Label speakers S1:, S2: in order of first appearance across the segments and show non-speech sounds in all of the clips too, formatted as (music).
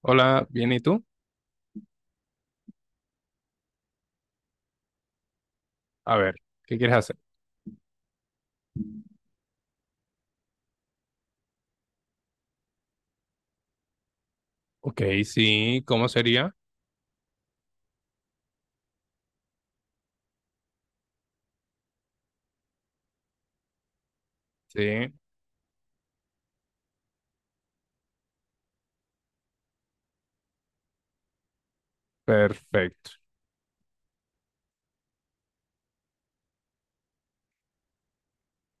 S1: Hola, bien, ¿y tú? A ver, ¿qué quieres hacer? Ok, sí, ¿cómo sería? Sí, perfecto.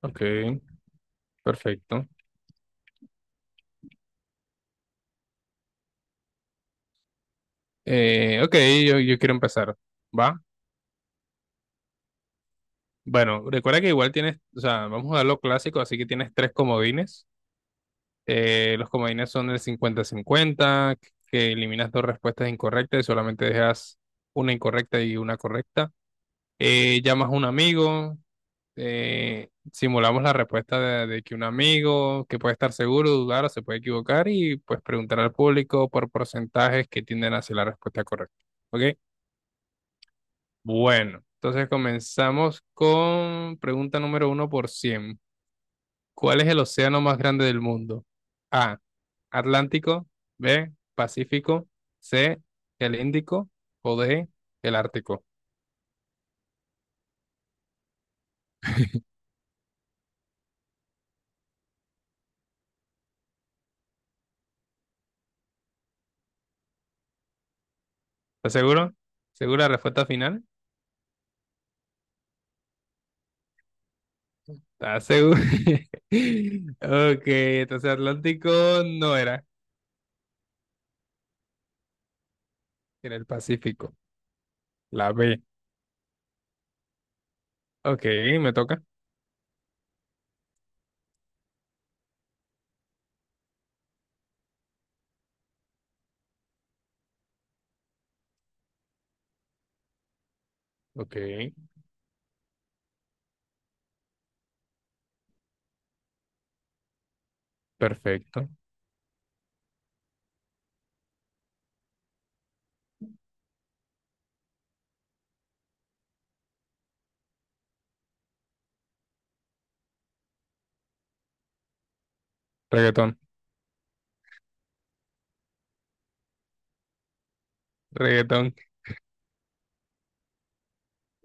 S1: Ok, perfecto. Ok, yo quiero empezar. ¿Va? Bueno, recuerda que igual tienes, o sea, vamos a lo clásico, así que tienes tres comodines. Los comodines son el cincuenta-cincuenta, que eliminas dos respuestas incorrectas y solamente dejas una incorrecta y una correcta. Llamas a un amigo, simulamos la respuesta de que un amigo que puede estar seguro, dudar o se puede equivocar y pues preguntar al público por porcentajes que tienden hacia la respuesta correcta. ¿Ok? Bueno, entonces comenzamos con pregunta número uno por cien. ¿Cuál es el océano más grande del mundo? A. Atlántico. B. Pacífico. C. El Índico. O D. El Ártico. ¿Estás seguro? ¿Segura la respuesta final? ¿Estás seguro? (laughs) Ok, entonces Atlántico no era, era el Pacífico, la B. Ok, me toca. Ok, perfecto. Reggaetón, reggaetón.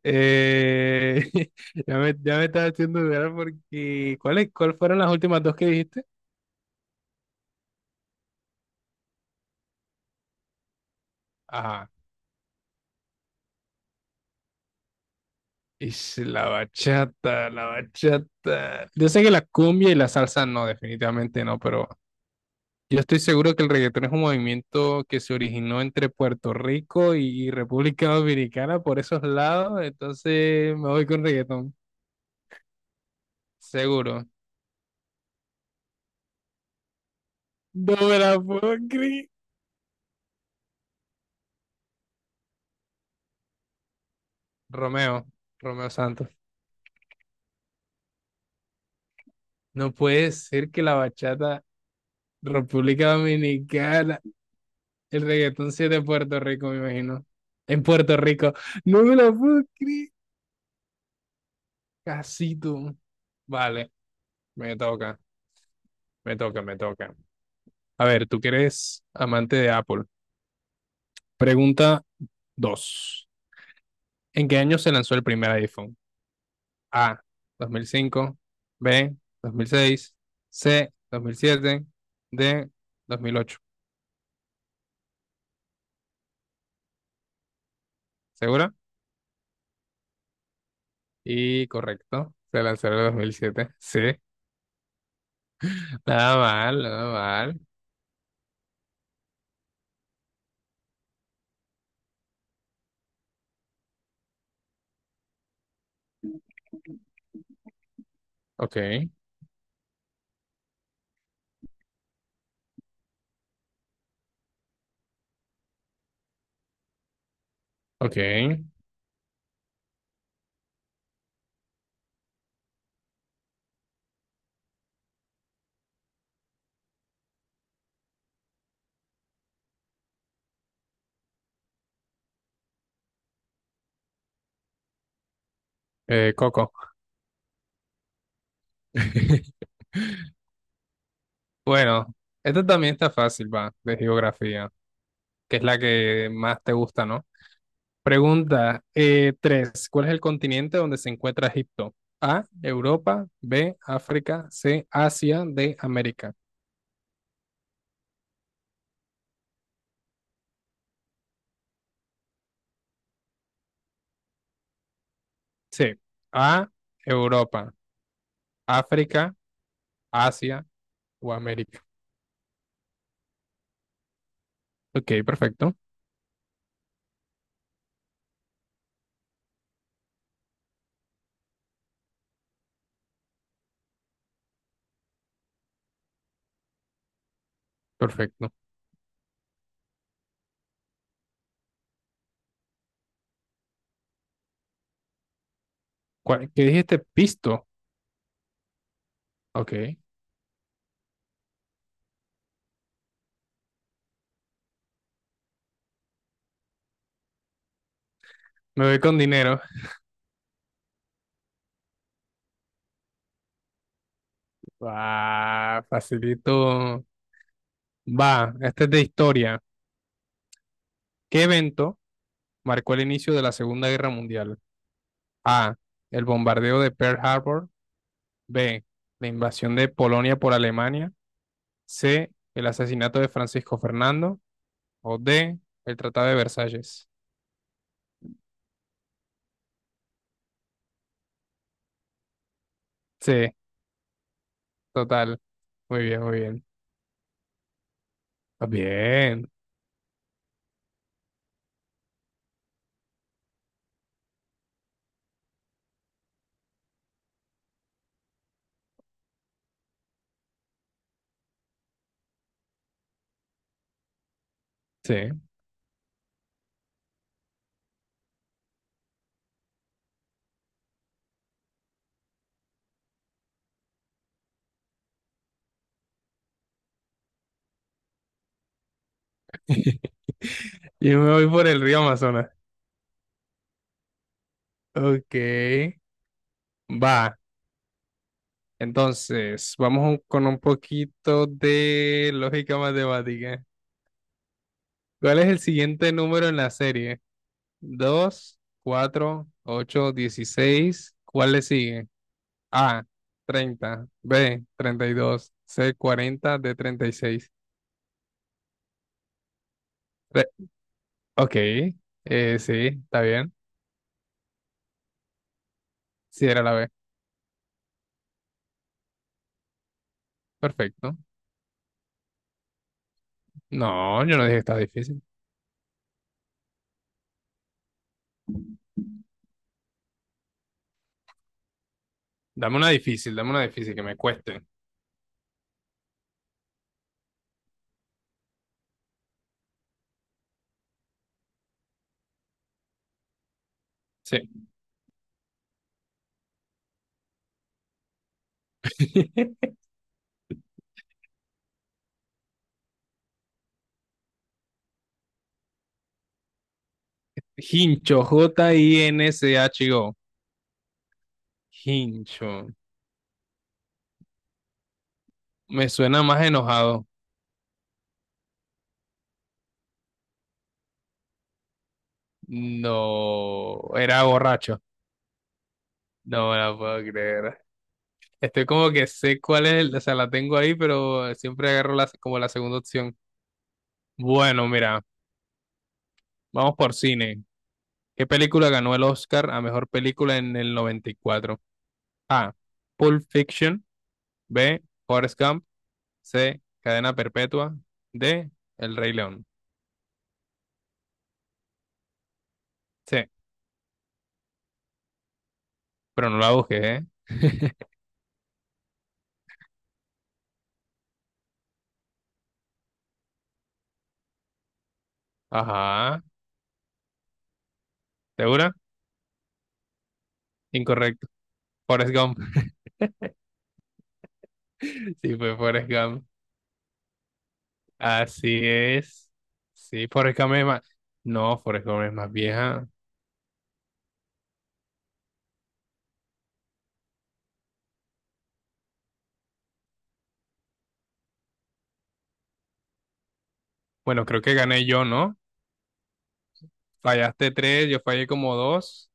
S1: Eh, (laughs) ya me estaba haciendo dudar porque... ¿Cuál fueron las últimas dos que dijiste? Ajá. Ish, la bachata, la bachata. Yo sé que la cumbia y la salsa no, definitivamente no, pero yo estoy seguro que el reggaetón es un movimiento que se originó entre Puerto Rico y República Dominicana por esos lados, entonces me voy con reggaetón, seguro. No me la puedo creer. Romeo, Romeo Santos. No puede ser que la bachata República Dominicana, el reggaetón sea de Puerto Rico, me imagino. En Puerto Rico. No me la puedo creer. Casi tú. Vale, me toca, me toca, me toca. A ver, tú que eres amante de Apple. Pregunta 2. ¿En qué año se lanzó el primer iPhone? A. Dos mil cinco. B. Dos mil seis. C. Dos mil siete. D. Dos mil ocho. ¿Segura? Y correcto. Se lanzó en el 2007. Sí. Nada mal, nada mal. Ok, ok. Coco. (laughs) Bueno, esta también está fácil, va, de geografía, que es la que más te gusta, ¿no? Pregunta tres. ¿Cuál es el continente donde se encuentra Egipto? A, Europa, B, África, C, Asia, D, América. C, A, Europa, África, Asia o América. Ok, perfecto, perfecto. ¿Cuál- ¿Qué dijiste? Pisto. Ok, me voy con dinero. Ah, facilito. Va, este es de historia. ¿Qué evento marcó el inicio de la Segunda Guerra Mundial? A, el bombardeo de Pearl Harbor. B, la invasión de Polonia por Alemania. C, el asesinato de Francisco Fernando. O D, el Tratado de Versalles. C, total. Muy bien, muy bien. Ah, bien, sí. (laughs) Yo me voy por el río Amazonas. Ok, va. Entonces, con un poquito de lógica matemática. ¿Cuál es el siguiente número en la serie? Dos, 4, 8, 16. ¿Cuál le sigue? A, 30, B, 32, C, 40, D, 36. Re- ok, sí, está bien. Sí, era la B. Perfecto. No, yo no dije que estaba difícil. Dame una difícil, dame una difícil que me cueste. Sí. (laughs) Hincho, J-I-N-C-H-O. Hincho. Me suena más enojado. No, era borracho. No me la puedo creer. Estoy como que sé cuál es, o sea, la tengo ahí, pero siempre agarro la, como la segunda opción. Bueno, mira, vamos por cine. ¿Qué película ganó el Oscar a mejor película en el 94? A. Pulp Fiction. B. Forrest Gump. C. Cadena Perpetua. D. El Rey León. C. Pero no la busqué, ¿eh? Ajá. ¿Segura? Incorrecto. Forrest Gump. (laughs) Sí, fue Forrest Gump. Así es. Sí, Forrest Gump es más. No, Forrest Gump es más vieja. Bueno, creo que gané yo, ¿no? Fallaste tres, yo fallé como dos.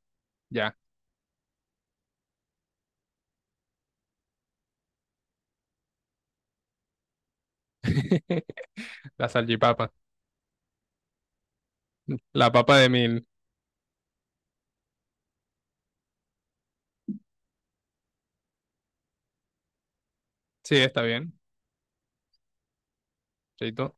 S1: Ya, (laughs) la salchipapa. La papa de 1.000. Sí, está bien. Chaito.